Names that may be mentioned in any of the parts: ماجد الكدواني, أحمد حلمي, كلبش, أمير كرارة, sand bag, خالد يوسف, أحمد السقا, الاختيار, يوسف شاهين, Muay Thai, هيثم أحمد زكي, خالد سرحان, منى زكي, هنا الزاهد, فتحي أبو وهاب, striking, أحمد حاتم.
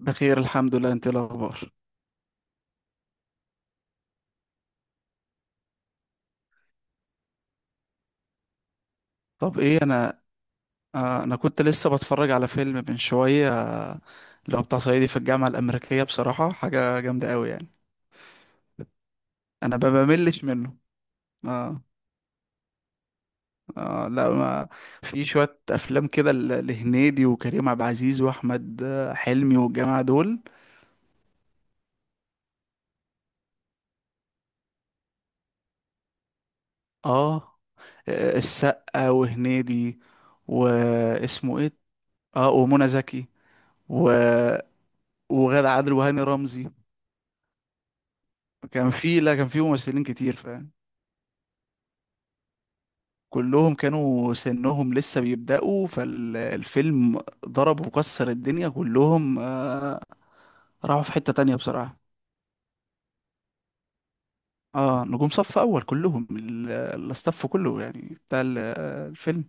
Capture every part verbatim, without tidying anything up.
بخير الحمد لله. انت ايه الاخبار؟ طب ايه انا. آه انا كنت لسه بتفرج على فيلم من شويه، آه، اللي هو بتاع صعيدي في الجامعه الامريكيه. بصراحه حاجه جامده قوي يعني. انا ما بملش منه. اه اه لا ما في شويه افلام كده ل- لهنيدي وكريم عبد العزيز واحمد آه، حلمي والجماعه دول. اه آه، السقا وهنيدي. واسمه ايه؟ اه ومنى زكي. و... وغادة عادل وهاني رمزي. كان في لا كان في ممثلين كتير فاهم. كلهم كانوا سنهم لسه بيبدأوا فالفيلم. ضرب وكسر الدنيا كلهم آه. راحوا في حتة تانية بصراحة. اه نجوم صف أول كلهم، ال- الاستاف كله يعني، بتاع ال- آه، الفيلم.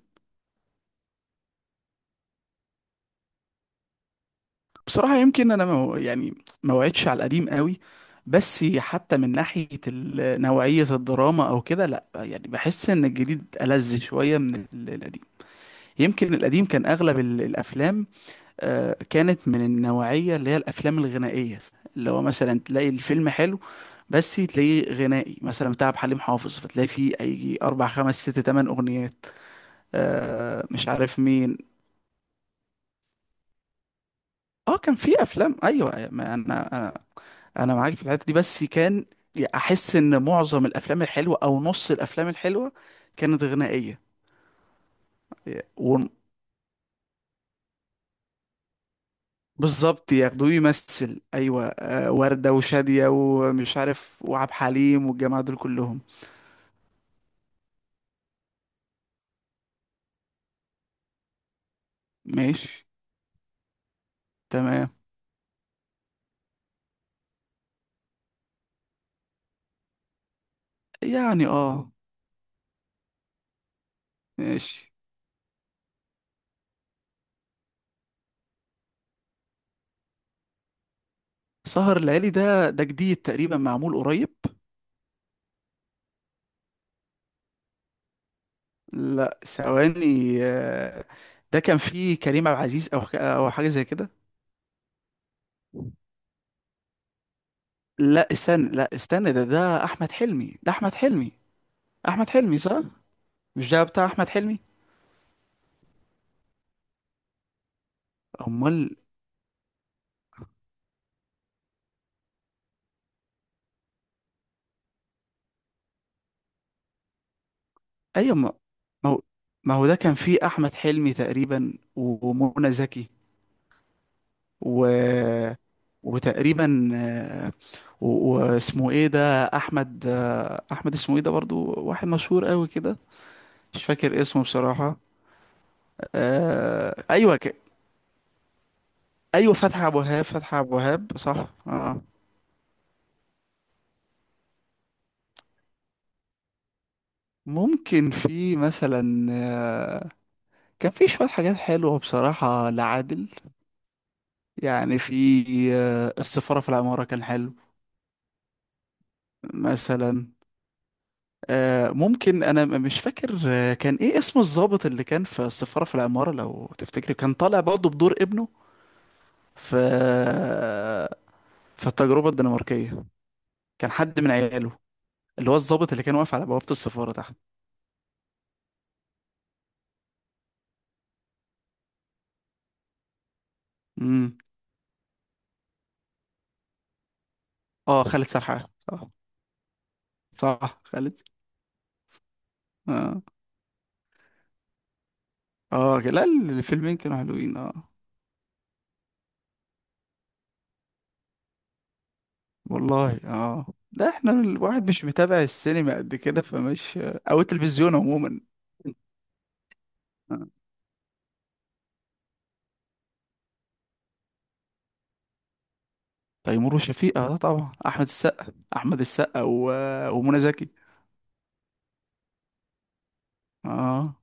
بصراحة يمكن أنا ما يعني ما وعدتش على القديم قوي. بس حتى من ناحية ال- نوعية الدراما أو كده، لأ يعني بحس إن الجديد ألذ شوية من ال- القديم. يمكن القديم كان أغلب ال- الأفلام آه، كانت من النوعية اللي هي الأفلام الغنائية. اللي هو مثلا تلاقي الفيلم حلو بس تلاقيه غنائي، مثلا بتاع عبد الحليم حافظ، فتلاقي فيه أي أربع خمس ست تمن أغنيات. آه مش عارف مين. اه كان في أفلام، أيوة، ما أنا أنا أنا معاك في الحتة دي. بس كان أحس إن معظم الأفلام الحلوة أو نص الأفلام الحلوة كانت غنائية. و- بالظبط، ياخدوه يمثل أيوة آه، وردة وشادية ومش عارف وعبد الحليم والجماعة دول كلهم. ماشي. تمام. يعني اه. ماشي. سهر الليالي ده ده جديد تقريبا، معمول قريب. لا ثواني، آه، ده كان فيه كريم عبد العزيز او ك- او حاجه زي كده. لا استنى لا استنى ده ده احمد حلمي. ده احمد حلمي. احمد حلمي صح. مش ده بتاع احمد حلمي؟ امال. ايوه ما ما هو ما هو ده كان فيه احمد حلمي تقريبا، و- ومنى زكي. و وتقريبا آه، و- واسمه ايه ده، احمد. احمد اسمه ايه ده، برضو واحد مشهور قوي كده. مش فاكر اسمه بصراحة. آه ايوه ك... ايوه فتحي ابو وهاب. فتحي ابو وهاب صح اه آه. ممكن في مثلا آه، كان في شوية حاجات حلوة بصراحة لعادل يعني. في آه السفارة في العمارة كان حلو مثلا. آه ممكن انا م- مش فاكر آه كان ايه اسم الضابط اللي كان في السفارة في العمارة لو تفتكري. كان طالع برضه بدور ابنه في آه، في التجربة الدنماركية. كان حد من عياله، اللي هو الضابط اللي كان واقف على بوابة السفارة تحت. امم اه خالد سرحان صح. صح خالد اه. اه لا الفيلمين كانوا حلوين اه. والله اه لا احنا الواحد مش متابع السينما قد كده، فمش آه، او التلفزيون عموما آه. تيمور وشفيقة اه طبعا، احمد السقا. احمد السقا و... ومنى زكي اه.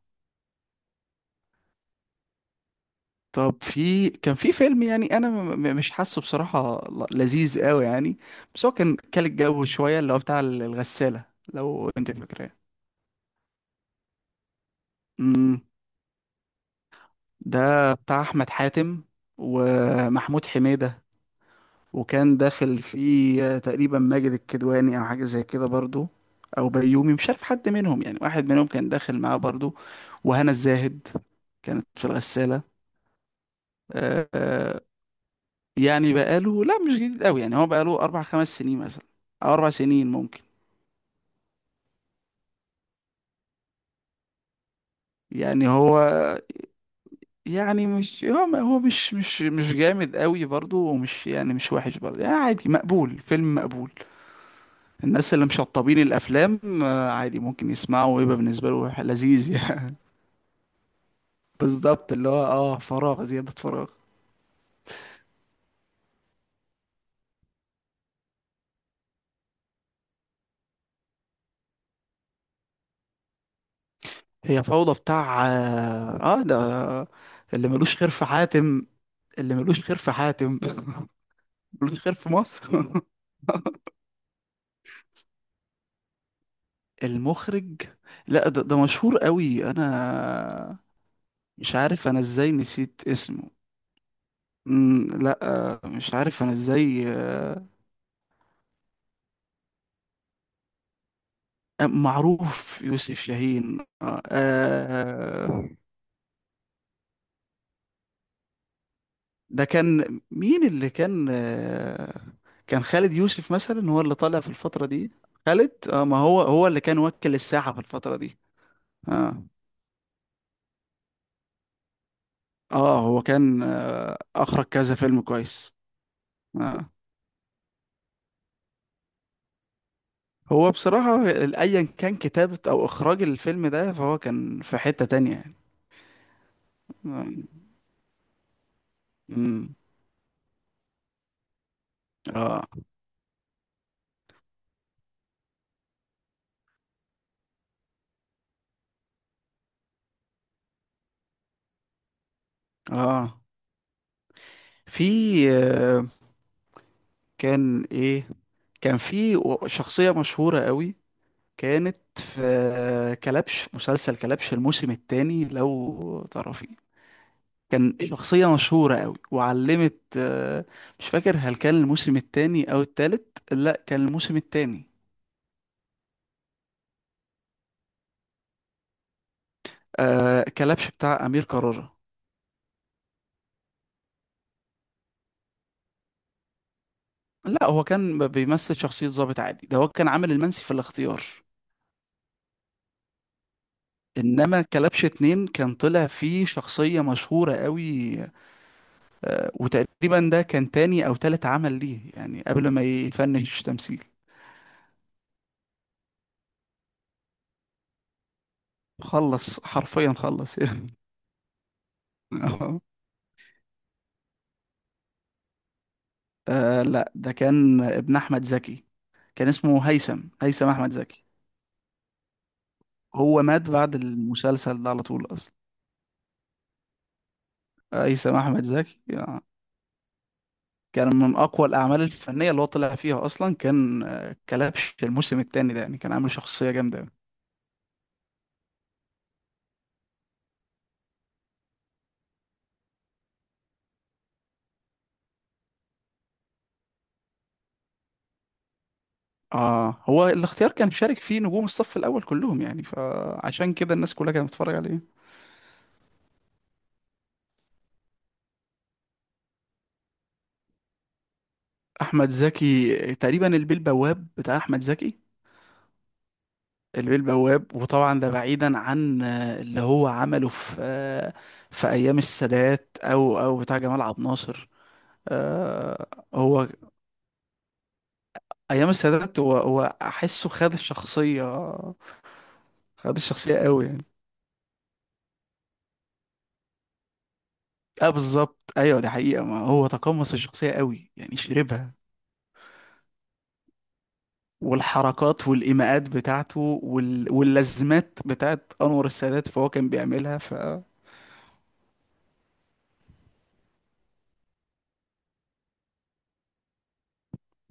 طب في كان في فيلم، يعني انا م- م- مش حاسه بصراحة ل- لذيذ قوي يعني، بس هو كان كان الجو شوية، اللي هو بتاع ال- الغسالة. لو انت فاكراه. امم. ده بتاع احمد حاتم ومحمود حميدة. وكان داخل فيه تقريبا ماجد الكدواني او حاجة زي كده برضو، او بيومي، مش عارف حد منهم يعني، واحد منهم كان داخل معاه برضو. وهنا الزاهد كانت في الغسالة. يعني بقاله، لا مش جديد قوي يعني، هو بقاله اربع خمس سنين مثلا، او اربع سنين ممكن. يعني هو، يعني مش هو ما- هو مش مش مش جامد قوي برضه، ومش يعني مش وحش برضه يعني، عادي، مقبول، فيلم مقبول. الناس اللي مشطبين الافلام آه، عادي ممكن يسمعوا ويبقى بالنسبه له لذيذ يعني. بالظبط، اللي هو اه، فراغ، زياده فراغ. هي فوضى بتاع اه آه، ده اللي ملوش خير في حاتم. اللي ملوش خير في حاتم ملوش خير في مصر المخرج، لا ده, ده مشهور قوي. انا مش عارف انا ازاي نسيت اسمه. مم، لا آه، مش عارف انا ازاي آه، آه، معروف يوسف شاهين آه، آه، ده كان مين اللي كان آه، كان خالد يوسف مثلا هو اللي طالع في الفترة دي. خالد اه، ما هو هو اللي كان وكل الساحة في الفترة دي. اه اه هو كان آه، اخرج كذا فيلم كويس آه. هو بصراحة أيا كان كتابة أو إخراج الفيلم ده، فهو كان في حتة تانية يعني. أمم، آه آه. في آه، كان إيه، كان في و- شخصية مشهورة قوي. كانت في آه، كلبش، مسلسل كلبش الموسم التاني لو تعرفيه. كان شخصية مشهورة قوي وعلمت آه، مش فاكر هل كان الموسم التاني أو التالت، لا كان الموسم التاني. آه كلبش بتاع أمير كرارة. لا هو كان ب- بيمثل شخصية ضابط عادي. ده هو كان عامل المنسي في الاختيار. انما كلبش اتنين كان طلع فيه شخصية مشهورة قوي آه، وتقريبا ده كان تاني او تالت عمل ليه يعني قبل ما يفنش تمثيل. خلص حرفيا خلص يعني. آه لا ده كان ابن احمد زكي، كان اسمه هيثم، هيثم احمد زكي. هو مات بعد المسلسل ده على طول اصلا. هيثم احمد زكي آه. كان من اقوى الاعمال الفنيه اللي هو طلع فيها اصلا كان آه، كلبش الموسم الثاني ده، يعني كان عامل شخصيه جامده أوي. اه هو الاختيار كان شارك فيه نجوم الصف الاول كلهم يعني، فعشان كده الناس كلها كانت بتتفرج عليه. احمد زكي تقريبا البيه البواب بتاع احمد زكي، البيه البواب. وطبعا ده بعيدا عن آه، اللي هو عمله في آه، في ايام السادات او او بتاع جمال عبد الناصر آه، هو ايام السادات هو هو احسه خد الشخصيه. خد الشخصيه قوي يعني. اه بالظبط ايوه، دي حقيقة، ما هو تقمص الشخصية قوي يعني، شربها. والحركات والايماءات بتاعته وال... واللازمات بتاعت انور السادات، فهو كان بيعملها ف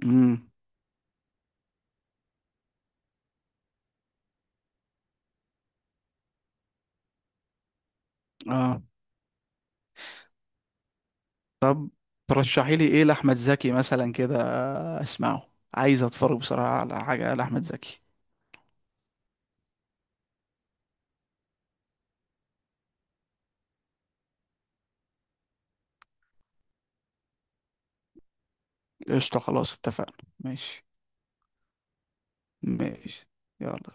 امم اه. ترشحي لي ايه لاحمد زكي مثلا كده، اسمعه، عايز اتفرج بصراحة على حاجة لاحمد زكي. قشطة خلاص اتفقنا، ماشي. ماشي. يلا.